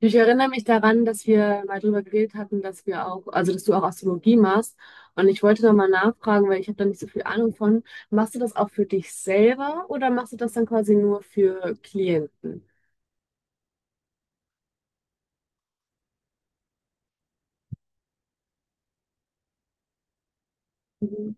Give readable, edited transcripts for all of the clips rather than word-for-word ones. Ich erinnere mich daran, dass wir mal drüber geredet hatten, dass wir auch, also dass du auch Astrologie machst. Und ich wollte da mal nachfragen, weil ich habe da nicht so viel Ahnung von. Machst du das auch für dich selber oder machst du das dann quasi nur für Klienten? Mhm.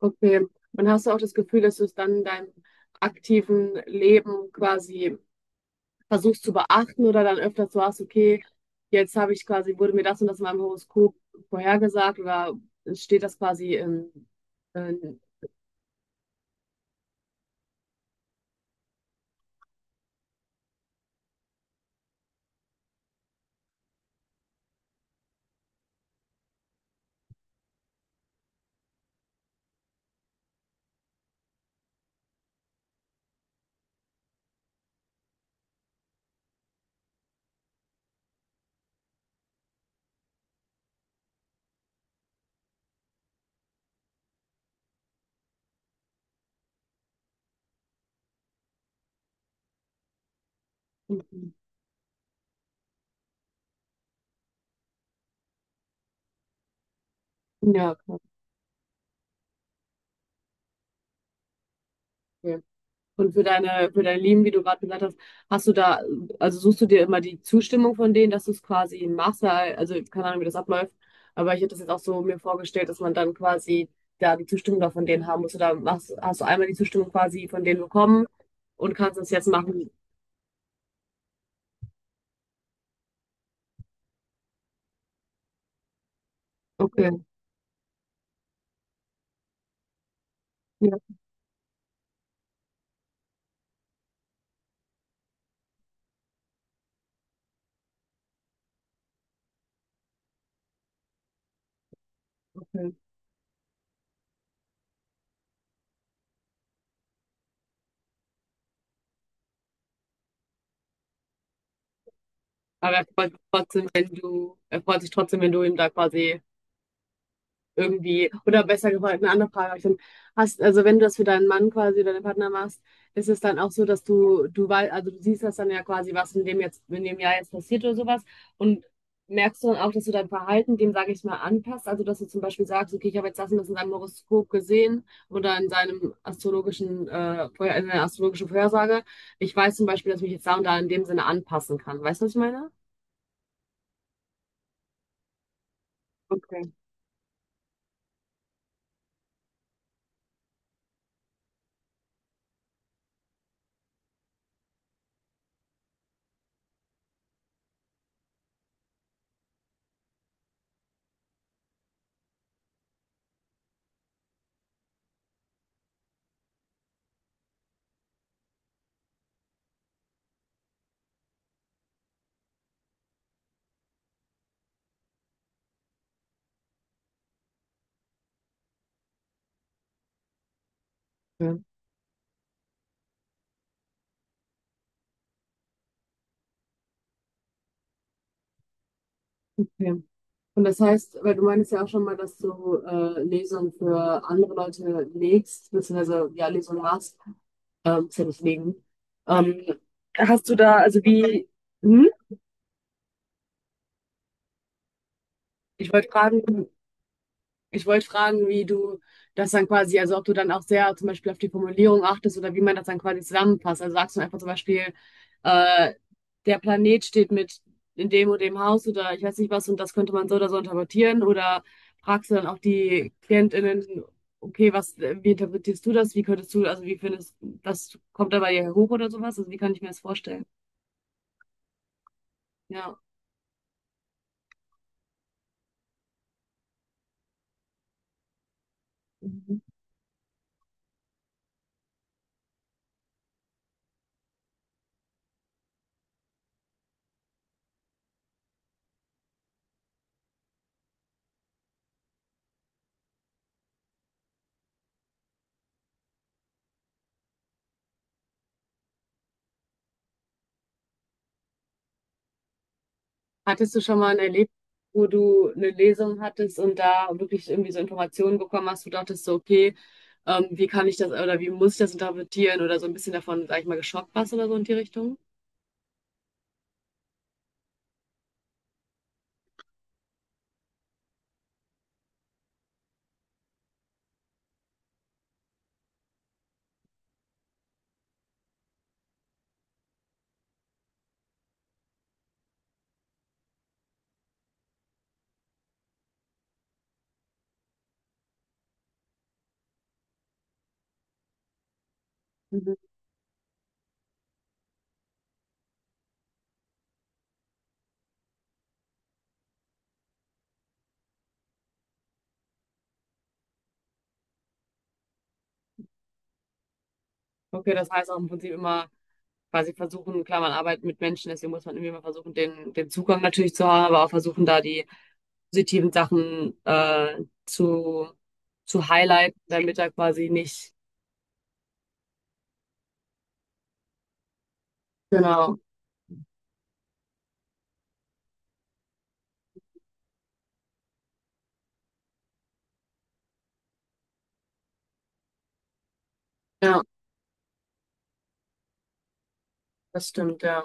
Okay. Und hast du auch das Gefühl, dass du es dann in deinem aktiven Leben quasi versuchst zu beachten oder dann öfter so hast, okay, jetzt habe ich quasi, wurde mir das und das in meinem Horoskop vorhergesagt oder steht das quasi in, in ja, okay? Und für deine, für dein Leben, wie du gerade gesagt hast, hast du da, also suchst du dir immer die Zustimmung von denen, dass du es quasi machst, weil- also keine Ahnung, wie das abläuft, aber ich hätte das jetzt auch so mir vorgestellt, dass man dann quasi da die Zustimmung da von denen haben muss oder machst, hast du einmal die Zustimmung quasi von denen bekommen und kannst es jetzt machen. Okay, ja, okay. Aber er freut sich trotzdem, wenn du, er freut sich trotzdem, wenn du ihm da quasi irgendwie, oder besser gefragt, eine andere Frage habe ich dann, hast, also wenn du das für deinen Mann quasi oder deinen Partner machst, ist es dann auch so, dass du weißt, also du siehst das dann ja quasi, was in dem jetzt, in dem Jahr jetzt passiert oder sowas und merkst du dann auch, dass du dein Verhalten dem, sage ich mal, anpasst, also dass du zum Beispiel sagst, okay, ich habe jetzt das und das in seinem Horoskop gesehen oder in seinem astrologischen, Vorher- in seiner astrologischen Vorhersage, ich weiß zum Beispiel, dass ich mich jetzt da und da in dem Sinne anpassen kann, weißt du, was ich meine? Okay. Ja, okay. Und das heißt, weil du meinst ja auch schon mal, dass du Lesungen für andere Leute legst, beziehungsweise ja, Lesungen machst, ist ja nicht legen. Ähm, hast du da, also wie, hm? Ich wollte fragen, Ich wollte fragen, wie du das dann quasi, also ob du dann auch sehr zum Beispiel auf die Formulierung achtest oder wie man das dann quasi zusammenpasst. Also sagst du einfach zum Beispiel, äh, der Planet steht mit in dem und dem Haus oder ich weiß nicht was und das könnte man so oder so interpretieren oder fragst du dann auch die KlientInnen, okay, was, wie interpretierst du das? Wie könntest du, also wie findest, was kommt da bei dir hoch oder sowas? Also wie kann ich mir das vorstellen? Ja. Hattest du schon mal ein Erlebnis, wo du eine Lesung hattest und da wirklich irgendwie so Informationen bekommen hast, wo du dachtest so, okay, wie kann ich das oder wie muss ich das interpretieren oder so ein bisschen davon, sag ich mal, geschockt warst oder so in die Richtung? Mhm. Okay, das heißt auch im Prinzip immer quasi versuchen, klar, man arbeitet mit Menschen, deswegen muss man irgendwie mal versuchen, den, den Zugang natürlich zu haben, aber auch versuchen, da die positiven Sachen zu highlighten, damit er quasi nicht. Genau, ja, das stimmt, ja.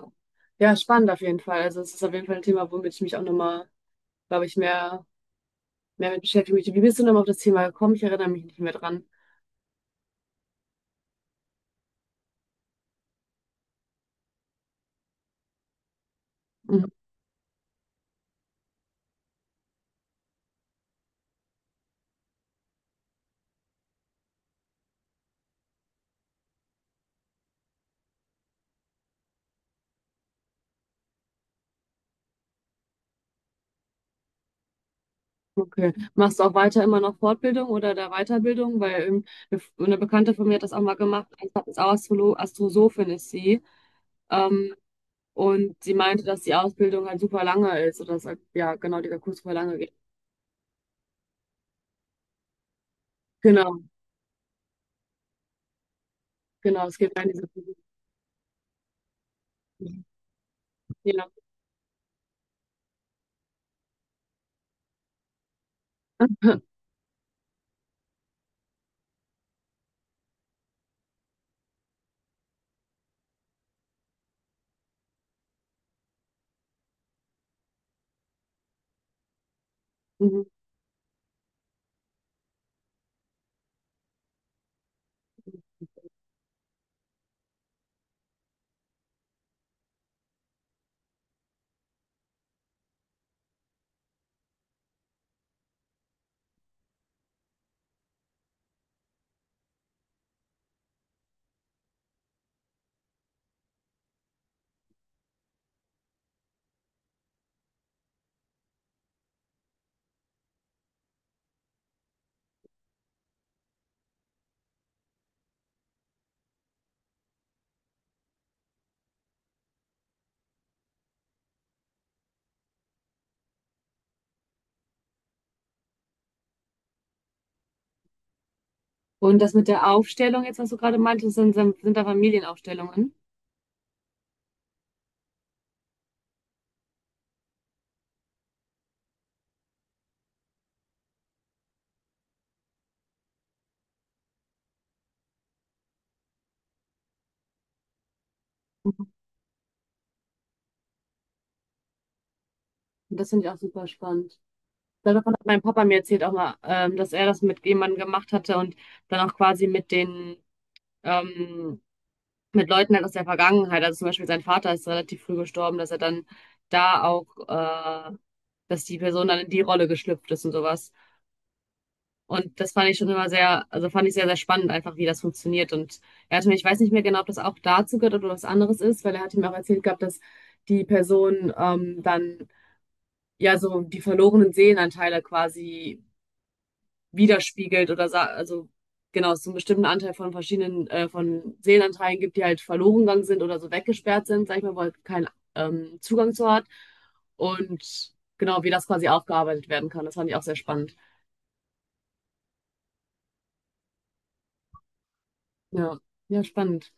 Ja, spannend auf jeden Fall. Also es ist auf jeden Fall ein Thema, womit ich mich auch nochmal, glaube ich, mehr, mehr mit beschäftigen möchte. Wie bist du nochmal auf das Thema gekommen? Ich erinnere mich nicht mehr dran. Okay. Machst du auch weiter immer noch Fortbildung oder der Weiterbildung? Weil eine F- eine Bekannte von mir hat das auch mal gemacht, ist auch Astrolo Astrosophin ist sie. Ähm, und sie meinte, dass die Ausbildung halt super lange ist oder dass halt, ja, genau, dieser Kurs super lange geht. Genau, genau, es gibt eine diese. Ja. Mhm. Und das mit der Aufstellung jetzt, was du gerade meintest, sind da Familienaufstellungen. Mhm. Und das finde ich auch super spannend. Davon hat mein Papa mir erzählt auch mal, dass er das mit jemandem gemacht hatte und dann auch quasi mit den ähm, mit Leuten halt aus der Vergangenheit. Also zum Beispiel sein Vater ist relativ früh gestorben, dass er dann da auch, dass die Person dann in die Rolle geschlüpft ist und sowas. Und das fand ich schon immer sehr, also fand ich sehr, sehr spannend einfach, wie das funktioniert. Und er hatte mir, ich weiß nicht mehr genau, ob das auch dazu gehört oder was anderes ist, weil er hat ihm auch erzählt gehabt, dass die Person dann ja so die verlorenen Seelenanteile quasi widerspiegelt oder sa- also genau, es so einen bestimmten Anteil von verschiedenen von Seelenanteilen gibt, die halt verloren gegangen sind oder so weggesperrt sind, sag ich mal, wo halt kein Zugang zu hat. Und genau, wie das quasi aufgearbeitet werden kann. Das fand ich auch sehr spannend. Ja, ja, spannend.